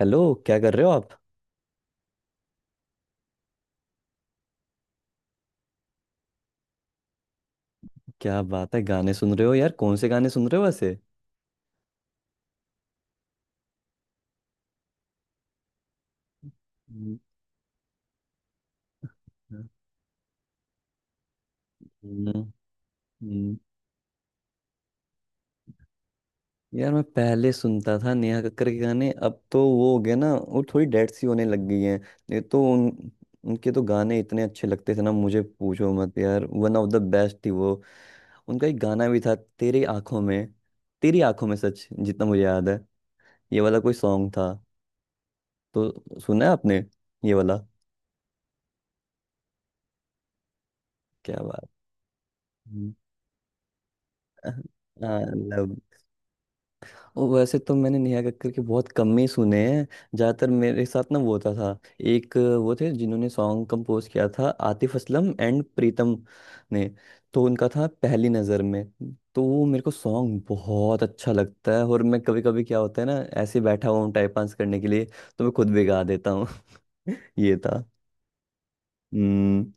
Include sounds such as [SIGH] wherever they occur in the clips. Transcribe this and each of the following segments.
Hello. क्या कर रहे हो आप? क्या बात है, गाने सुन रहे हो यार? कौन से गाने सुन रहे हो वैसे? [LAUGHS] हम्म, हम्म, हम्म हम्म। यार मैं पहले सुनता था नेहा कक्कर के गाने, अब तो वो हो गया ना, वो थोड़ी डेड सी होने लग गई हैं। नहीं तो उन उनके तो गाने इतने अच्छे लगते थे ना, मुझे पूछो मत यार, वन ऑफ द बेस्ट थी वो। उनका एक गाना भी था तेरी आंखों में, तेरी आंखों में सच जितना मुझे याद है, ये वाला कोई सॉन्ग था। तो सुना है आपने ये वाला? क्या बात। [LAUGHS] हम्म। हाँ, और वैसे तो मैंने नेहा कक्कड़ के बहुत कम ही सुने हैं। ज़्यादातर मेरे साथ ना वो होता था, एक वो थे जिन्होंने सॉन्ग कंपोज किया था, आतिफ असलम एंड प्रीतम ने। तो उनका था पहली नज़र में, तो वो मेरे को सॉन्ग बहुत अच्छा लगता है। और मैं कभी कभी क्या होता है ना, ऐसे बैठा हुआ हूँ टाइप आंस करने के लिए, तो मैं खुद भी गा देता हूँ। [LAUGHS] ये था। हम्म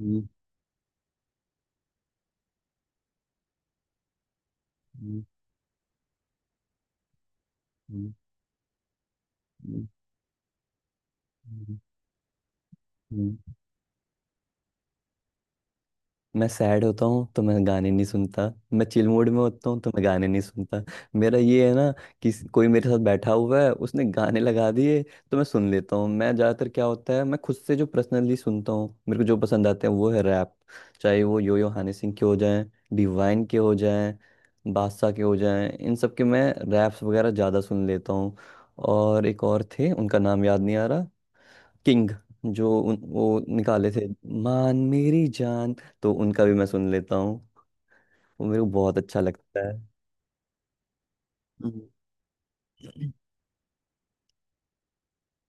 हम्म, हम्म, हम्म, हम्म, हम्म, हम्म। मैं सैड होता हूँ तो मैं गाने नहीं सुनता, मैं चिल मूड में होता हूँ तो मैं गाने नहीं सुनता। मेरा ये है ना कि स- कोई मेरे साथ बैठा हुआ है, उसने गाने लगा दिए तो मैं सुन लेता हूँ। मैं ज़्यादातर क्या होता है, मैं खुद से जो पर्सनली सुनता हूँ, मेरे को जो पसंद आते हैं वो है रैप। चाहे वो यो यो हनी सिंह के हो जाएं, डिवाइन के हो जाएं, बादशाह के हो जाएं, इन सब के मैं रैप्स वगैरह ज़्यादा सुन लेता हूँ। और एक और थे, उनका नाम याद नहीं आ रहा, किंग। जो वो निकाले थे, मान मेरी जान, तो उनका भी मैं सुन लेता हूँ, वो मेरे को बहुत अच्छा लगता है। हम्म।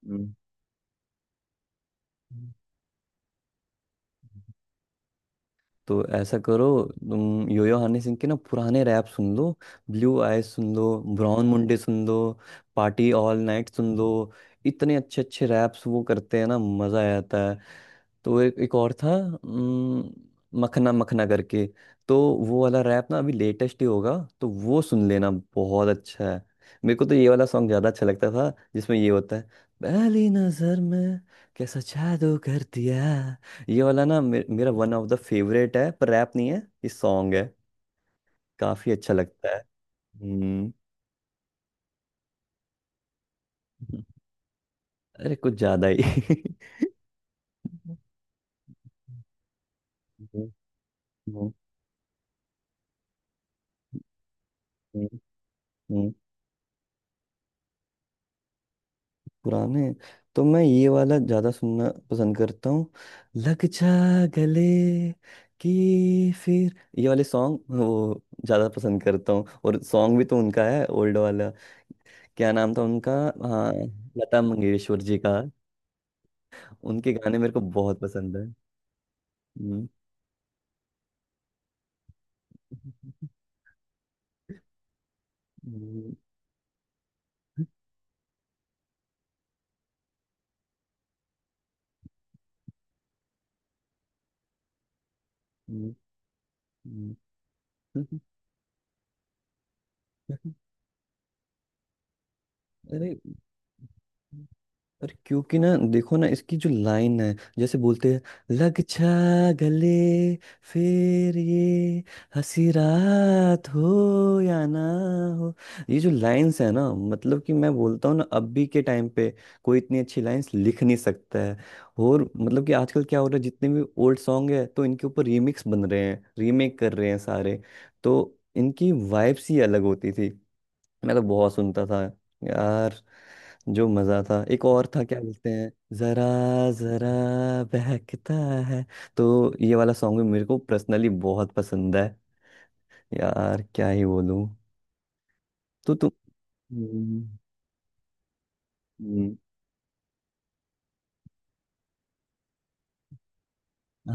हम्म। तो ऐसा करो, तुम योयो हनी सिंह के ना पुराने रैप सुन लो, ब्लू आईज सुन लो, ब्राउन मुंडे सुन लो, पार्टी ऑल नाइट सुन लो। इतने अच्छे अच्छे रैप्स वो करते हैं ना, मजा आ जाता है। तो एक एक और था मखना मखना करके, तो वो वाला रैप ना अभी लेटेस्ट ही होगा, तो वो सुन लेना, बहुत अच्छा है। मेरे को तो ये वाला सॉन्ग ज्यादा अच्छा लगता था जिसमें ये होता है, पहली नजर में कैसा जादू कर दिया। ये वाला ना मेरा वन ऑफ द फेवरेट है, पर रैप नहीं है, ये सॉन्ग है। काफी अच्छा लगता है। हम्म। [LAUGHS] अरे कुछ ज्यादा ही। [LAUGHS] हम्म, हम्म, हम्म, पुराने, तो मैं ये वाला ज्यादा सुनना पसंद करता हूँ, लग जा गले। कि फिर ये वाले सॉन्ग वो ज्यादा पसंद करता हूँ, और सॉन्ग भी तो उनका है, ओल्ड वाला। क्या नाम था उनका? हाँ, लता मंगेशकर जी का। उनके गाने मेरे को बहुत पसंद है। हम्म, [LAUGHS] हम्म, हम्म, हम्म, हम्म, हम्म, अरे अरे क्योंकि ना देखो ना, इसकी जो लाइन है जैसे बोलते हैं, लग छा गले, फिर ये हंसी रात हो या ना हो। ये जो लाइंस है ना, मतलब कि मैं बोलता हूँ ना, अभी के टाइम पे कोई इतनी अच्छी लाइंस लिख नहीं सकता है। और मतलब कि आजकल क्या हो रहा है, जितने भी ओल्ड सॉन्ग है तो इनके ऊपर रीमिक्स बन रहे हैं, रीमेक कर रहे हैं सारे। तो इनकी वाइब्स ही अलग होती थी। मैं तो बहुत सुनता था यार, जो मजा था। एक और था, क्या बोलते हैं, जरा जरा बहकता है, तो ये वाला सॉन्ग भी मेरे को पर्सनली बहुत पसंद है। यार क्या ही बोलूं। तो तुम, हम्म, हम्म,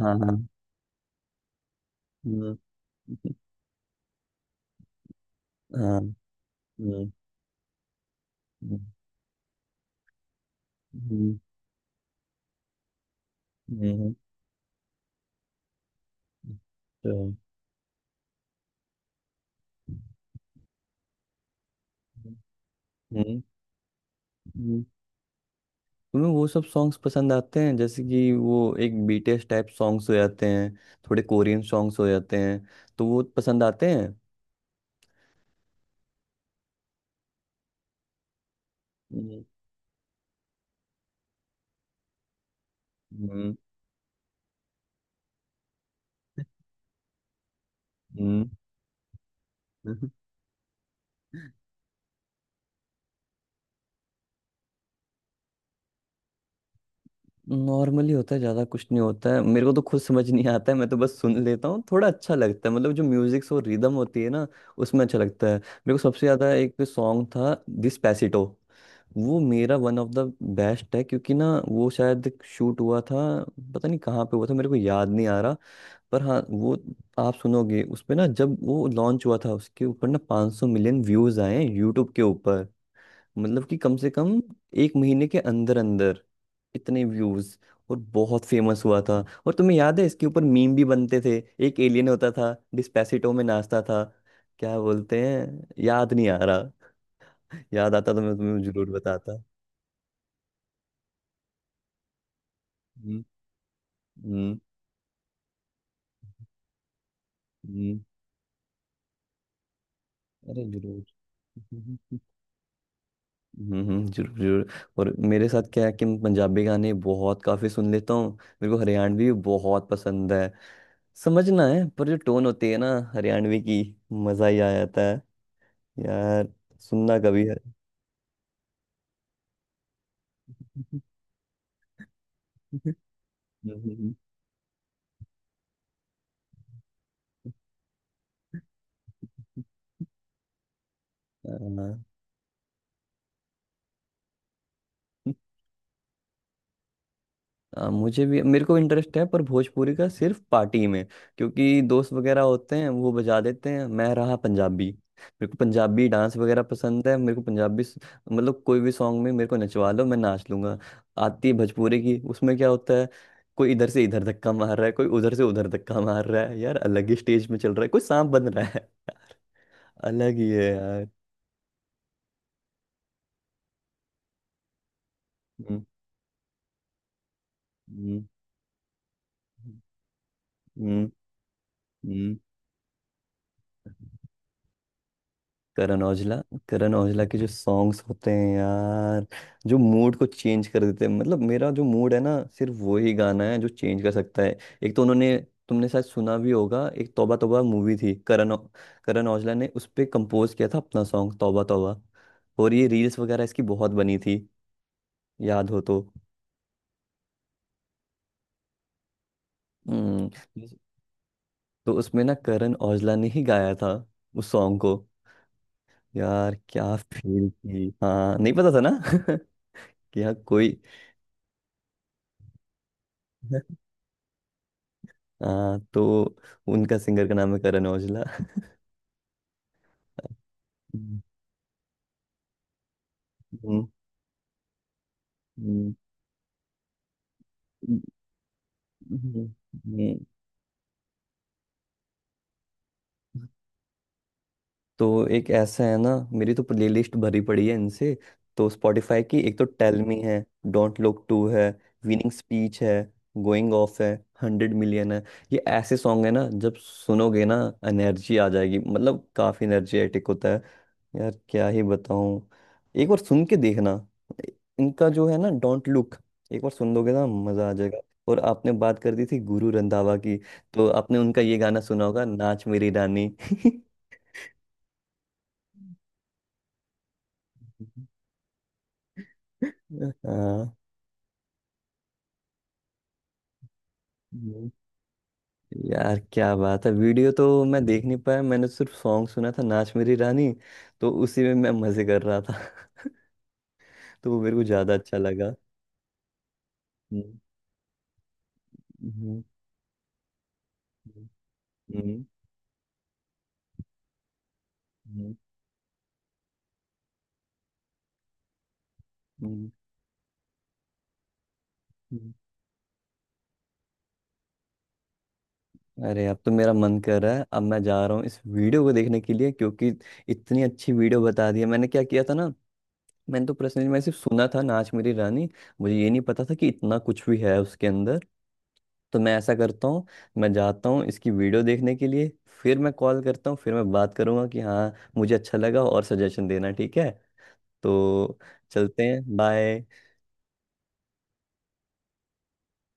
हाँ हाँ। हम्म, हाँ हम्म, हम्म, हम्म, हम्म, हम्म, हम्म, तुम्हें वो सब सॉन्ग्स पसंद आते हैं जैसे कि वो एक बीटीएस टाइप सॉन्ग्स हो जाते हैं, थोड़े कोरियन सॉन्ग्स हो जाते हैं, तो वो पसंद आते हैं? हम्म हम्म। नॉर्मली होता है, ज़्यादा कुछ नहीं होता है, मेरे को तो खुद समझ नहीं आता है, मैं तो बस सुन लेता हूँ। थोड़ा अच्छा लगता है, मतलब जो म्यूजिक और रिदम होती है ना, उसमें अच्छा लगता है। मेरे को सबसे ज़्यादा एक सॉन्ग था डिस्पैसिटो, वो मेरा वन ऑफ द बेस्ट है। क्योंकि ना वो शायद शूट हुआ था, पता नहीं कहाँ पे हुआ था, मेरे को याद नहीं आ रहा। पर हाँ वो, आप सुनोगे उस पे ना, जब वो लॉन्च हुआ था उसके ऊपर ना 500 मिलियन व्यूज आए हैं यूट्यूब के ऊपर। मतलब कि कम से कम एक महीने के अंदर अंदर इतने व्यूज, और बहुत फेमस हुआ था। और तुम्हें याद है, इसके ऊपर मीम भी बनते थे, एक एलियन होता था डिस्पेसिटो में नाचता था। क्या बोलते हैं, याद नहीं आ रहा, याद आता तो मैं तुम्हें जरूर बताता। हम्म। हम्म हम्म, अरे जरूर। [LAUGHS] जरूर जरूर। और मेरे साथ क्या है कि मैं पंजाबी गाने बहुत काफी सुन लेता हूँ। मेरे को हरियाणवी भी बहुत पसंद है। समझना है, पर जो टोन होती है ना हरियाणवी की, मजा ही आ जाता है यार। सुनना कभी है। [LAUGHS] हम्म, हम्म, हाँ। मुझे भी, मेरे को इंटरेस्ट है, पर भोजपुरी का सिर्फ पार्टी में। क्योंकि दोस्त वगैरह होते हैं वो बजा देते हैं। मैं रहा पंजाबी, मेरे को पंजाबी डांस वगैरह पसंद है, मेरे को पंजाबी स- मतलब कोई भी सॉन्ग में मेरे को नचवा लो मैं नाच लूंगा। आती है भोजपुरी की, उसमें क्या होता है, कोई इधर से इधर धक्का मार रहा है, कोई उधर से उधर धक्का मार रहा है, यार अलग ही स्टेज में चल रहा है, कोई सांप बन रहा है। [LAUGHS] अलग ही है यार। हम्म हम्म हम्म हम्म करण औजला, करण औजला के जो सॉन्ग्स होते हैं यार, जो मूड को चेंज कर देते हैं, मतलब मेरा जो मूड है ना, सिर्फ वो ही गाना है जो चेंज कर सकता है। एक तो उन्होंने, तुमने शायद सुना भी होगा, एक तौबा तौबा मूवी थी। करण औजला ने उस पे कंपोज किया था अपना सॉन्ग तौबा तौबा, और ये रील्स वगैरह इसकी बहुत बनी थी, याद हो तो। हम्म। तो उसमें ना करण औजला ने ही गाया था उस सॉन्ग को, यार क्या फील थी, हाँ नहीं पता था ना। [LAUGHS] कि यहाँ कोई। [LAUGHS] हाँ, तो उनका सिंगर का नाम है करण औजला। हम्म। हम्म, हम्म, हम्म, हम्म। तो एक ऐसा है ना, मेरी तो प्लेलिस्ट भरी पड़ी है इनसे। तो स्पॉटिफाई की, एक तो टेल मी है, डोंट लुक टू है, विनिंग स्पीच है, गोइंग ऑफ है, हंड्रेड मिलियन है। ये ऐसे सॉन्ग है ना, जब सुनोगे ना एनर्जी आ जाएगी, मतलब काफी एनर्जेटिक होता है। यार क्या ही बताऊं, एक बार सुन के देखना, इनका जो है ना डोंट लुक, एक बार सुन लोगे ना मजा आ जाएगा। और आपने बात कर दी थी गुरु रंधावा की, तो आपने उनका ये गाना सुना होगा, नाच मेरी रानी। [LAUGHS] हाँ। हम्म। यार क्या बात है, वीडियो तो मैं देख नहीं पाया, मैंने सिर्फ सॉन्ग सुना था नाच मेरी रानी, तो उसी में मैं मजे कर रहा था। [LAUGHS] तो वो मेरे को ज्यादा अच्छा लगा। हम्म हम्म हम्म हम्म हम्म, हम्म, अरे अब तो मेरा मन कर रहा है, अब मैं जा रहा हूँ इस वीडियो को देखने के लिए, क्योंकि इतनी अच्छी वीडियो बता दी है। मैंने क्या किया था ना, मैंने तो पर्सनली मैं सिर्फ सुना था नाच मेरी रानी, मुझे ये नहीं पता था कि इतना कुछ भी है उसके अंदर। तो मैं ऐसा करता हूँ, मैं जाता हूँ इसकी वीडियो देखने के लिए, फिर मैं कॉल करता हूँ, फिर मैं बात करूँगा कि हाँ मुझे अच्छा लगा, और सजेशन देना ठीक है? तो चलते हैं, बाय।